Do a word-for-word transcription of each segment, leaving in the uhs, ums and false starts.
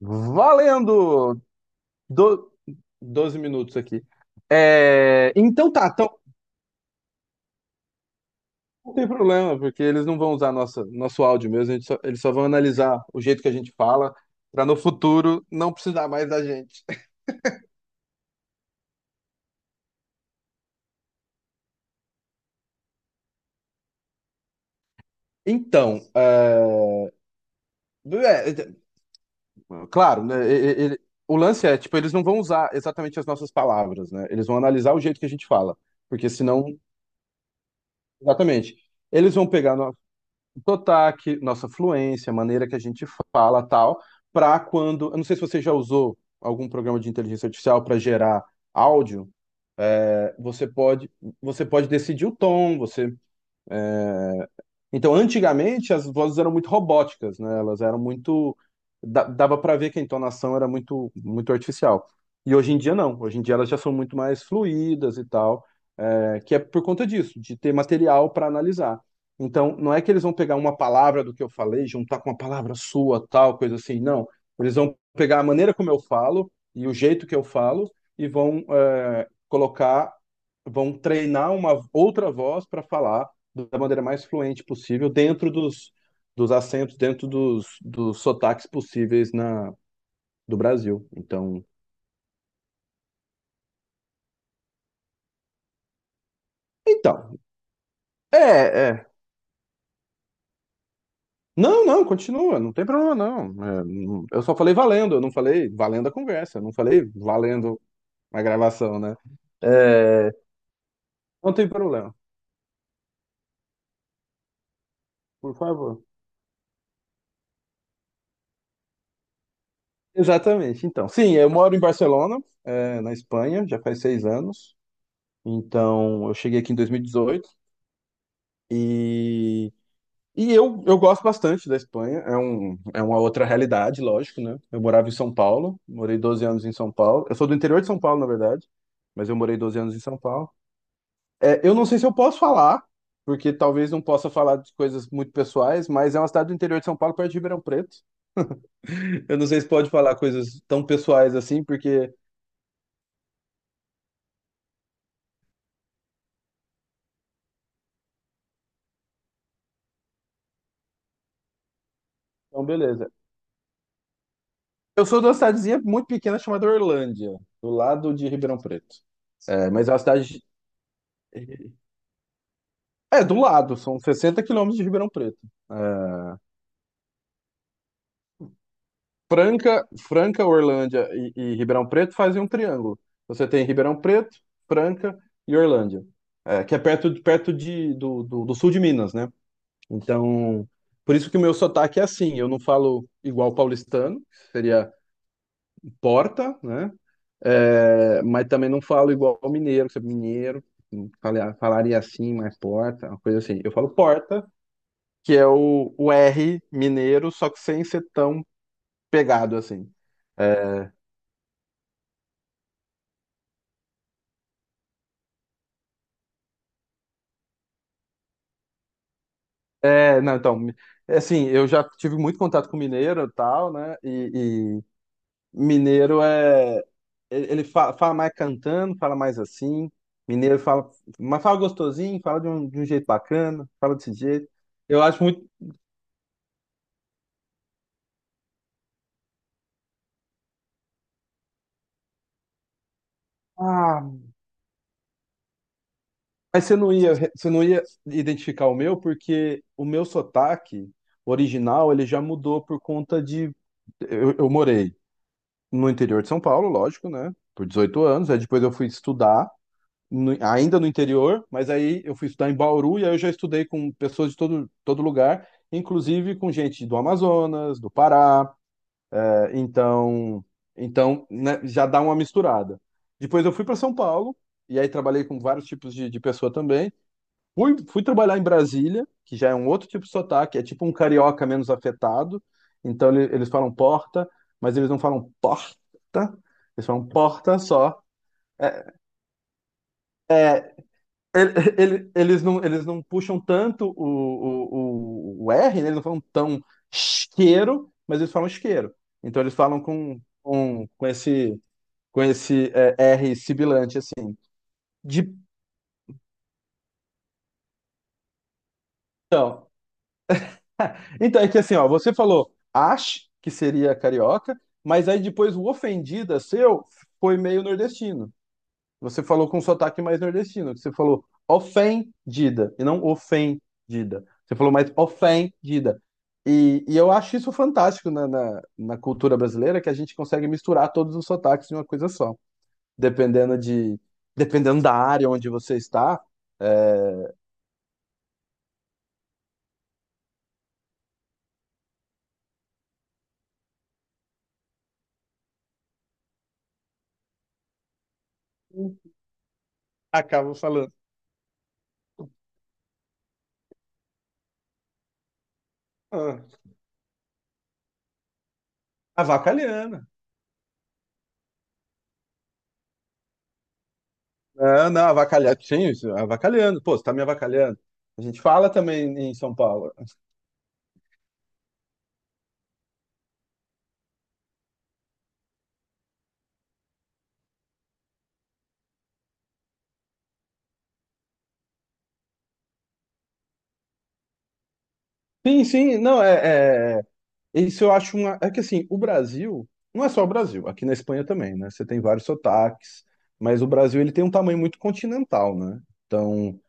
Valendo! Do... Doze minutos aqui. É, então tá, então não tem problema, porque eles não vão usar nossa, nosso áudio mesmo, a gente só- eles só vão analisar o jeito que a gente fala, para no futuro não precisar mais da gente. Então, é, é, é, claro, né, e- e- ele- o lance é, tipo, eles não vão usar exatamente as nossas palavras, né? Eles vão analisar o jeito que a gente fala, porque senão, exatamente, eles vão pegar no- sotaque, nossa fluência, a maneira que a gente fala, tal, para quando, eu não sei se você já usou algum programa de inteligência artificial para gerar áudio, é, você pode, você pode decidir o tom, você então, antigamente, as vozes eram muito robóticas, né? Elas eram muito. da- Dava para ver que a entonação era muito, muito artificial. E hoje em dia, não. Hoje em dia, elas já são muito mais fluídas e tal, é, que é por conta disso, de ter material para analisar. Então, não é que eles vão pegar uma palavra do que eu falei, juntar com uma palavra sua, tal, coisa assim. Não. Eles vão pegar a maneira como eu falo e o jeito que eu falo e vão, é, colocar, vão treinar uma outra voz para falar da maneira mais fluente possível, dentro dos, dos acentos, dentro dos, dos sotaques possíveis na, do Brasil. Então, então, é, é. Não, não, continua, não tem problema não. É, não- eu só falei valendo, eu não falei valendo a conversa, eu não falei valendo a gravação, né? É, não tem problema, por favor. Exatamente, então. Sim, eu moro em Barcelona, é, na Espanha, já faz seis anos. Então, eu cheguei aqui em dois mil e dezoito e dezoito e E eu, eu gosto bastante da Espanha, é, um, é uma outra realidade, lógico, né? Eu morava em São Paulo, morei doze anos em São Paulo. Eu sou do interior de São Paulo, na verdade, mas eu morei doze anos em São Paulo. É, eu não sei se eu posso falar, porque talvez não possa falar de coisas muito pessoais, mas é uma cidade do interior de São Paulo, perto de Ribeirão Preto. Eu não sei se pode falar coisas tão pessoais assim, porque. Então, beleza. Eu sou de uma cidadezinha muito pequena chamada Orlândia, do lado de Ribeirão Preto. É, mas é uma cidade É, do lado, são sessenta quilômetros de Ribeirão Preto. É, Franca, Franca, Orlândia e, e Ribeirão Preto fazem um triângulo. Você tem Ribeirão Preto, Franca e Orlândia, é, que é perto, de- perto de, do, do, do sul de Minas, né? Então, por isso que o meu sotaque é assim. Eu não falo igual paulistano, que seria porta, né? É, mas também não falo igual mineiro, que é mineiro. falar- Falaria assim, mais porta, uma coisa assim. Eu falo porta que é o, o R mineiro, só que sem ser tão pegado assim. É, é, não, então, mi- assim, eu já tive muito contato com mineiro e tal, né? E, e mineiro é. Ele ele fa- fala, mais cantando, fala mais assim. Mineiro fala. Mas fala gostosinho, fala de um, de um jeito bacana, fala desse jeito. Eu acho muito. Ah, mas você não ia, re- você não ia identificar o meu, porque o meu sotaque original ele já mudou por conta de. Eu, eu morei no interior de São Paulo, lógico, né? Por dezoito anos. Aí depois eu fui estudar, no- ainda no interior, mas aí eu fui estudar em Bauru e aí eu já estudei com pessoas de todo, todo lugar, inclusive com gente do Amazonas, do Pará. É, então, então né, já dá uma misturada. Depois eu fui para São Paulo e aí trabalhei com vários tipos de, de pessoa também. Fui, fui trabalhar em Brasília, que já é um outro tipo de sotaque, é tipo um carioca menos afetado. Então ele- eles falam porta, mas eles não falam porta, eles falam porta só. É, é, ele- ele- eles não, eles não puxam tanto o, o, o, o R, né? Eles não falam tão isqueiro, mas eles falam isqueiro. Então eles falam com, com, com esse, com esse é, R sibilante, assim. De então, Então, é que assim, ó, você falou Ash, que seria carioca, mas aí depois o ofendida seu foi meio nordestino. Você falou com um sotaque mais nordestino, que você falou ofendida e não ofendida. Você falou mais ofendida. E, e eu acho isso fantástico na, na, na cultura brasileira, que a gente consegue misturar todos os sotaques em uma coisa só. Dependendo de, dependendo da área onde você está, é, acaba falando. Ah, avacalhando. Não, não, avacalhar. Sim, isso, avacalhando. Pô, você tá me avacalhando. A gente fala também em São Paulo. Sim, sim, não, é, é- isso eu acho uma. É que assim, o Brasil. Não é só o Brasil, aqui na Espanha também, né? Você tem vários sotaques, mas o Brasil ele tem um tamanho muito continental, né? Então,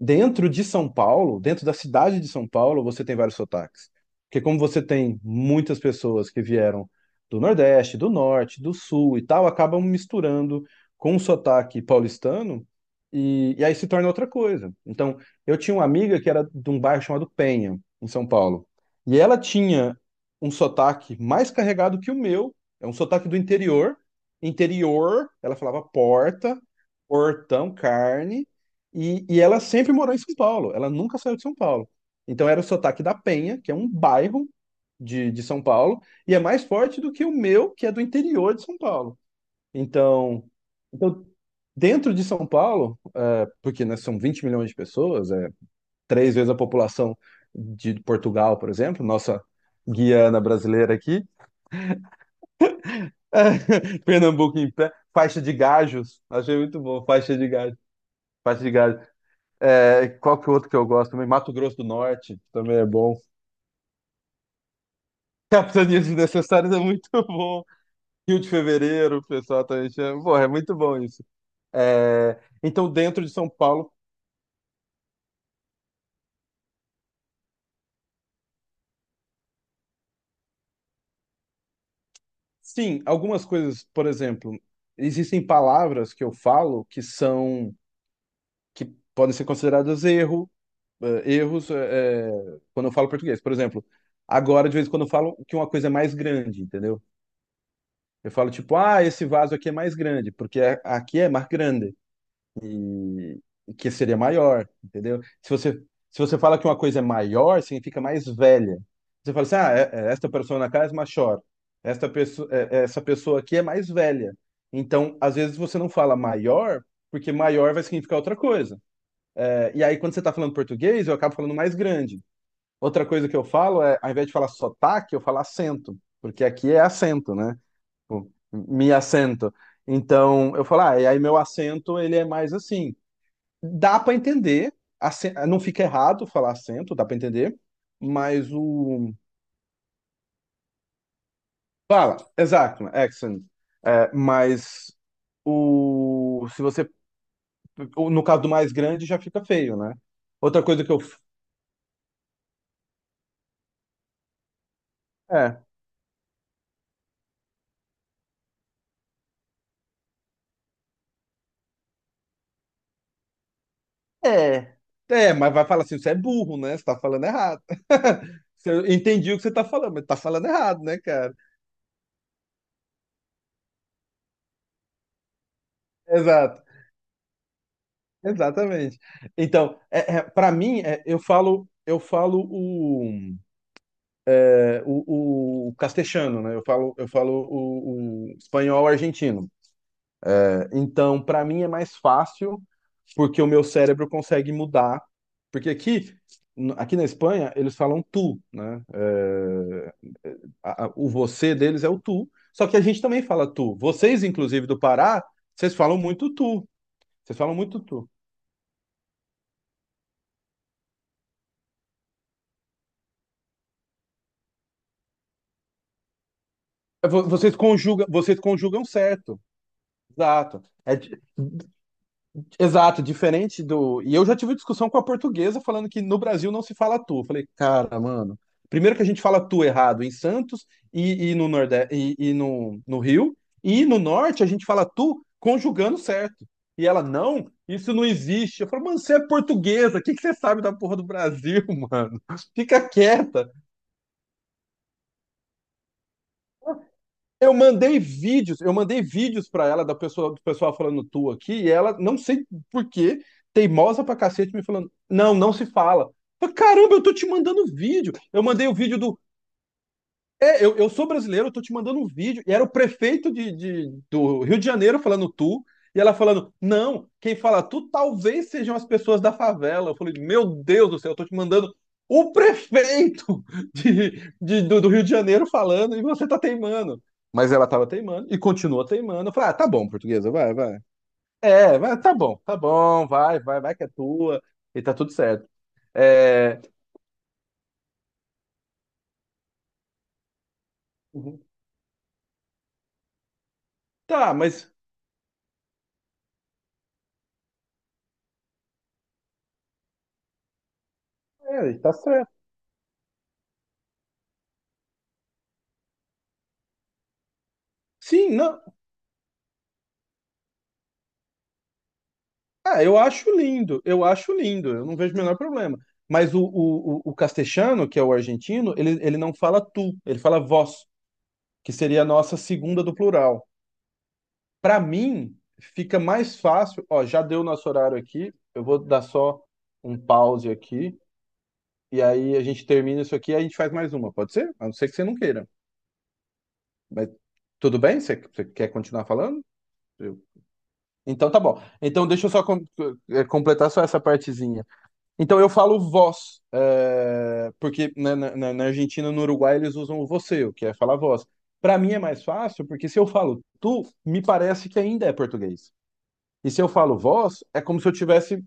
dentro de São Paulo, dentro da cidade de São Paulo, você tem vários sotaques. Porque como você tem muitas pessoas que vieram do Nordeste, do Norte, do Sul e tal, acabam misturando com o sotaque paulistano e, e aí se torna outra coisa. Então, eu tinha uma amiga que era de um bairro chamado Penha, em São Paulo. E ela tinha um sotaque mais carregado que o meu, é um sotaque do interior. Interior, ela falava porta, portão, carne, e, e ela sempre morou em São Paulo, ela nunca saiu de São Paulo. Então era o sotaque da Penha, que é um bairro de, de São Paulo, e é mais forte do que o meu, que é do interior de São Paulo. Então, então dentro de São Paulo, é, porque né, são vinte milhões de pessoas, é três vezes a população de Portugal, por exemplo, nossa Guiana brasileira aqui, Pernambuco em pé, faixa de gajos, achei muito bom, faixa de gajos, faixa de gajos. É, qual que é o outro que eu gosto também? Mato Grosso do Norte também é bom. Capitanias Desnecessárias é muito bom. Rio de Fevereiro, o pessoal também chama. Porra, é muito bom isso. É, então, dentro de São Paulo, sim, algumas coisas, por exemplo, existem palavras que eu falo que são, que podem ser consideradas erro, eh, erros, eh, quando eu falo português. Por exemplo, agora, de vez em quando, eu falo que uma coisa é mais grande, entendeu? Eu falo tipo, ah, esse vaso aqui é mais grande, porque aqui é mais grande. e e que seria maior, entendeu? Se você, se você fala que uma coisa é maior, significa mais velha. Você fala assim, ah, é- é, esta pessoa na casa é maior, esta pessoa, é, é, essa pessoa aqui é mais velha. Então, às vezes você não fala maior, porque maior vai significar outra coisa. É, e aí, quando você está falando português, eu acabo falando mais grande. Outra coisa que eu falo é, ao invés de falar sotaque, eu falo acento, porque aqui é acento, né? Tipo, me assento. Então, eu falo, ah, e aí meu acento, ele é mais assim. Dá para entender, acen- não fica errado falar acento, dá para entender, mas o. Fala, exato, accent. É, mas o. Se você. o- No caso do mais grande, já fica feio, né? Outra coisa que eu. É. É. É, mas vai falar assim, você é burro, né? Você tá falando errado. Você- Eu entendi o que você tá falando, mas tá falando errado, né, cara? Exato, exatamente. Então, é, para mim, é, eu falo, eu falo o. É, o, o castexano, né? Eu falo, eu falo o, o espanhol argentino. É, então, para mim é mais fácil porque o meu cérebro consegue mudar. Porque aqui, aqui na Espanha, eles falam tu, né? É, é, a- a- o você deles é o tu. Só que a gente também fala tu. Vocês, inclusive, do Pará, vocês falam muito tu. Vocês falam muito tu. É, Vo- vocês conjugam, vocês conjugam certo. Exato. É, di- exato, diferente do. E eu já tive discussão com a portuguesa falando que no Brasil não se fala tu. Eu falei, cara, mano. Primeiro que a gente fala tu errado em Santos e, e no Nordeste e, e no, no Rio, e no Norte a gente fala tu conjugando certo. E ela, não, isso não existe. Eu falo, mano, você é portuguesa, o que que você sabe da porra do Brasil, mano? Fica quieta. Eu mandei vídeos, eu mandei vídeos para ela da pessoa, do pessoal falando tu aqui, e ela, não sei por quê, teimosa pra cacete, me falando, não, não se fala. Eu falei, caramba, eu tô te mandando vídeo. Eu mandei o vídeo do é, eu, eu sou brasileiro, eu tô te mandando um vídeo. E era o prefeito de, de- do Rio de Janeiro falando tu, e ela falando, não, quem fala tu talvez sejam as pessoas da favela. Eu falei, meu Deus do céu, eu tô te mandando o prefeito de, de- do, do Rio de Janeiro falando e você tá teimando. Mas ela tava teimando e continua teimando. Eu falei, ah, tá bom, portuguesa, vai, vai. É, vai, tá bom, tá bom, vai, vai, vai que é tua, e tá tudo certo. É, uhum. Tá, mas. É, tá certo. Sim, não. Ah, eu acho lindo, eu acho lindo, eu não vejo o menor problema. Mas o, o, o, o castelhano, que é o argentino, ele, ele não fala tu, ele fala vós, que seria a nossa segunda do plural. Para mim, fica mais fácil. Ó, já deu nosso horário aqui, eu vou dar só um pause aqui, e aí a gente termina isso aqui e a gente faz mais uma, pode ser? A não ser que você não queira. Mas tudo bem? Você, você quer continuar falando? Eu- Então tá bom. Então deixa eu só com- eh, completar só essa partezinha. Então eu falo vós, eh, porque na, na- na- na Argentina, no Uruguai, eles usam o você, o que é falar vós. Para mim é mais fácil, porque se eu falo tu, me parece que ainda é português. E se eu falo vós, é como se eu estivesse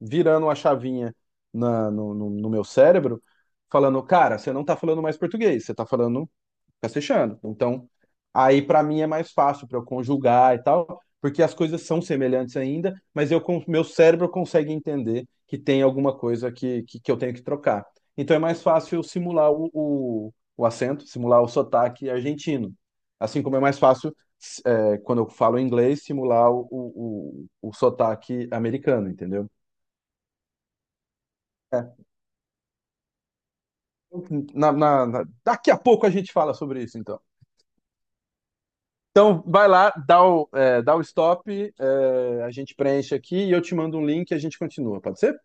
virando a chavinha na- no, no- no meu cérebro, falando, cara, você não tá falando mais português, você tá falando fica se fechando. Então, aí para mim é mais fácil para eu conjugar e tal, porque as coisas são semelhantes ainda, mas eu com meu cérebro consegue entender que tem alguma coisa que, que, que eu tenho que trocar. Então é mais fácil eu simular o, o, o acento, simular o sotaque argentino. Assim como é mais fácil, é, quando eu falo inglês, simular o, o, o, o sotaque americano, entendeu? É. Na- na- na- Daqui a pouco a gente fala sobre isso, então. Então, vai lá, dá o, é, dá o stop, é, a gente preenche aqui e eu te mando um link e a gente continua, pode ser?